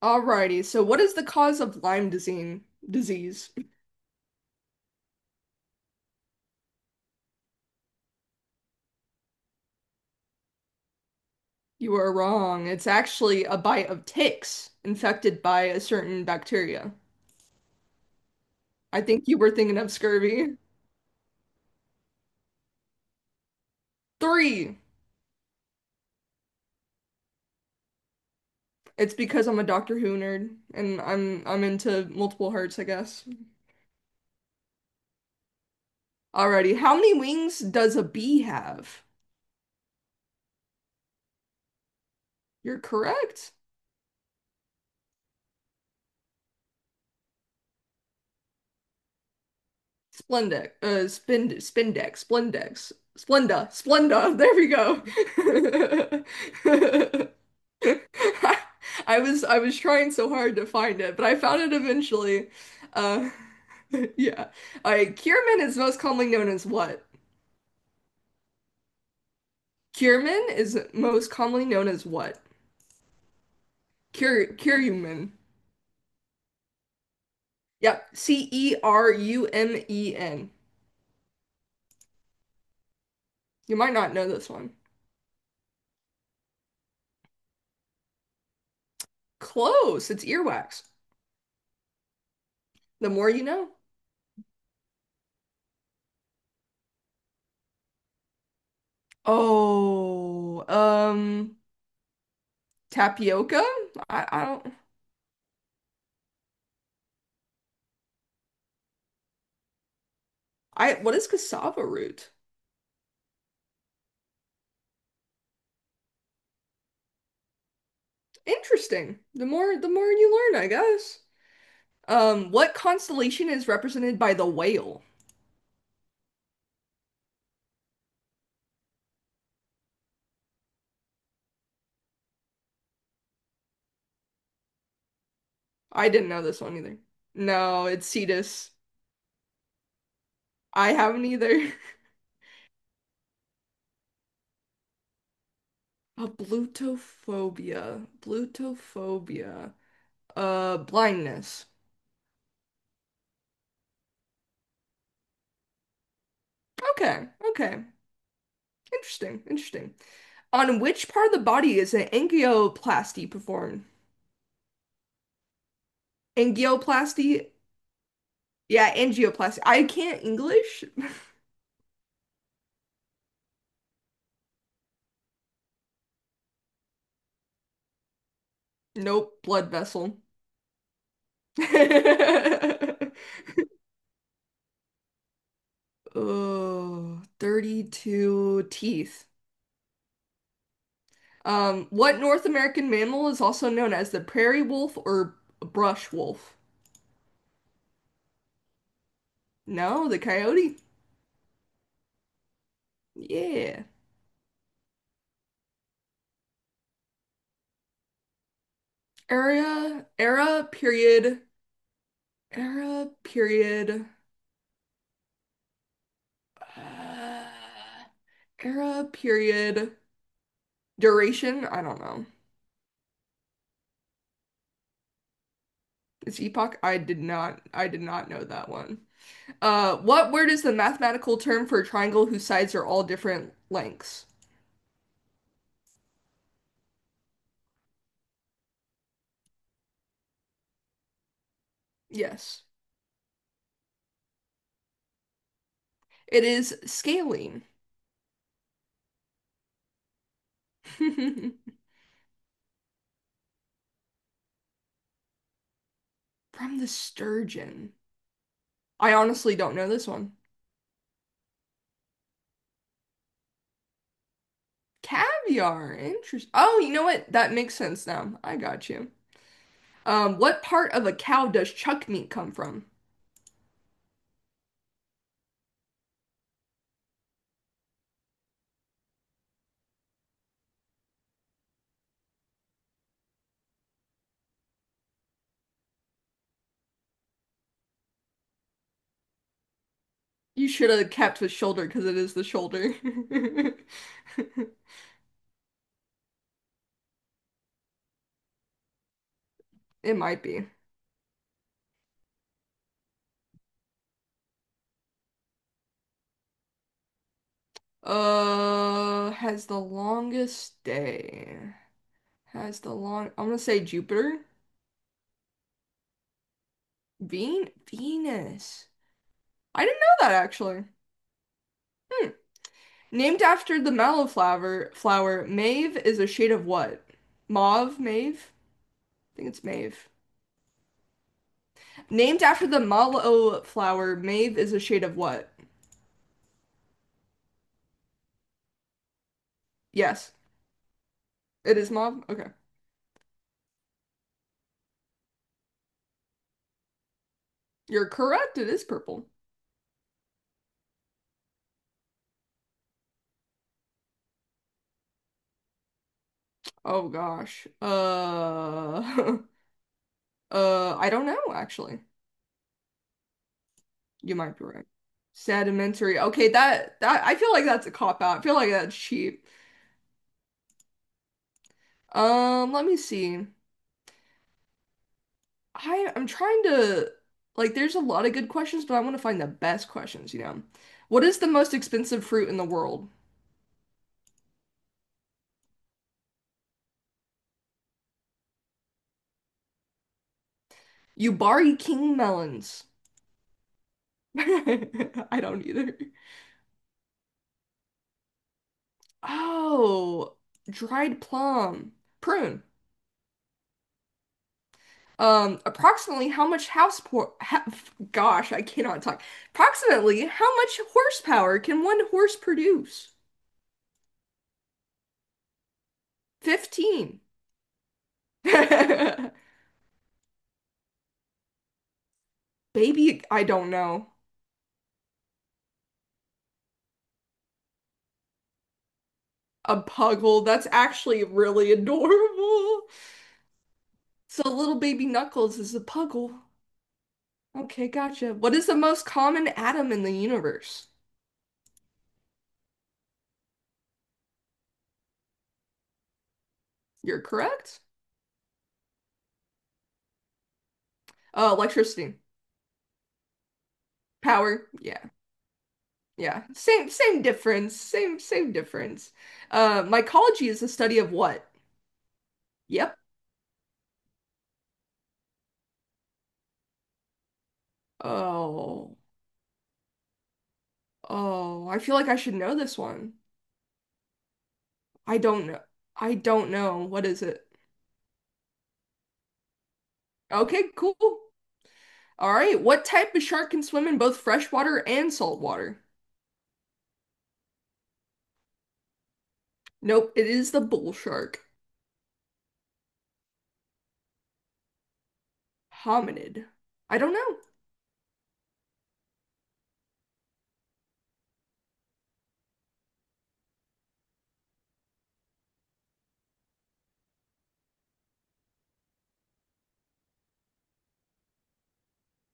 Alrighty, so what is the cause of Lyme disease? Disease. You are wrong. It's actually a bite of ticks infected by a certain bacteria. I think you were thinking of scurvy. Three. It's because I'm a Doctor Who nerd and I'm into multiple hearts, I guess. Alrighty, how many wings does a bee have? You're correct. Splendex, spind, spindex, splendex, splenda, splenda. There we go. I was trying so hard to find it, but I found it eventually. Uh, yeah. All right. Kierman is most commonly known as what? Kierman is most commonly known as what? Kier Kierumen. Yep. cerumen. You might not know this one. Close. It's earwax. The more you know. Oh, tapioca? I don't. I what is cassava root? Interesting. The more you learn, I guess. What constellation is represented by the whale? I didn't know this one either. No, it's Cetus. I haven't either. A blutophobia. Blutophobia. Blindness. Okay, okay. Interesting, interesting. On which part of the body is an angioplasty performed? Angioplasty? Yeah, angioplasty. I can't English. Nope, blood vessel. Oh, 32 teeth. What North American mammal is also known as the prairie wolf or brush wolf? No, the coyote? Yeah. Era, era, period, era, period, uh, era, period, duration. I don't know. It's epoch. I did not know that one. What word is the mathematical term for a triangle whose sides are all different lengths? Yes. It is scaling from the sturgeon. I honestly don't know this one. Caviar. Interesting. Oh, you know what? That makes sense now. I got you. What part of a cow does chuck meat come from? You should have kept with shoulder because it is the shoulder. It might be. Has the longest day. Has the long. I'm gonna say Jupiter. Ven Venus. I didn't know that actually. Hmm. Named after the mallowflower, flower, mauve is a shade of what? Mauve, mauve? I think it's mauve. Named after the mallow flower, mauve is a shade of what? Yes, it is mauve. Okay. You're correct. It is purple. Oh gosh. I don't know actually. You might be right. Sedimentary. Okay, that I feel like that's a cop out. I feel like that's cheap. Let me see. I'm trying to like there's a lot of good questions, but I want to find the best questions, you know. What is the most expensive fruit in the world? Yubari king melons. I don't either. Oh, dried plum. Prune. Approximately how much house po ha gosh, I cannot talk. Approximately how much horsepower can one horse produce? 15. Baby, I don't know. A puggle. That's actually really adorable. So little baby Knuckles is a puggle. Okay, gotcha. What is the most common atom in the universe? You're correct. Electricity. Power. Yeah. Yeah. Same same difference. Same same difference. Mycology is the study of what? Yep. Oh. Oh, I feel like I should know this one. I don't know. I don't know. What is it? Okay, cool. All right, what type of shark can swim in both freshwater and saltwater? Nope, it is the bull shark. Hominid. I don't know.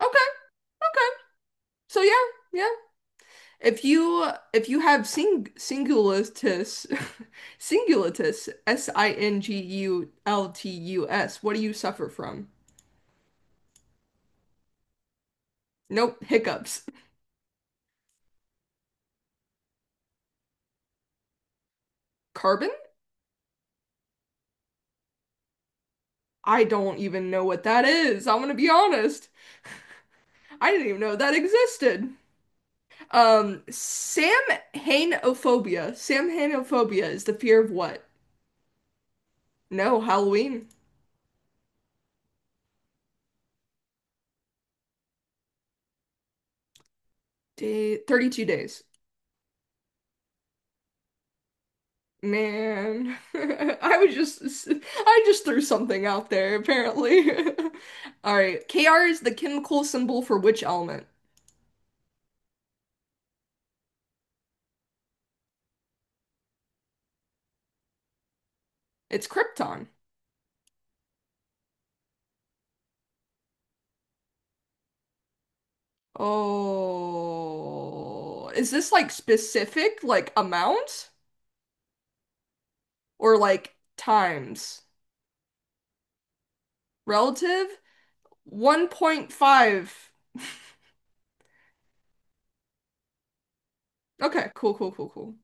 Okay, okay. So yeah, yeah. If you have sing singulatus singulatus SINGULTUS, what do you suffer from? Nope, hiccups. Carbon? I don't even know what that is. I'm gonna be honest. I didn't even know that existed. Samhainophobia. Samhainophobia is the fear of what? No, Halloween. Day 32 days. Man, I just threw something out there apparently. All right. Kr is the chemical symbol for which element? It's krypton. Oh, is this like specific like amount or like times? Relative? 1.5. Okay, cool, cool, cool, cool.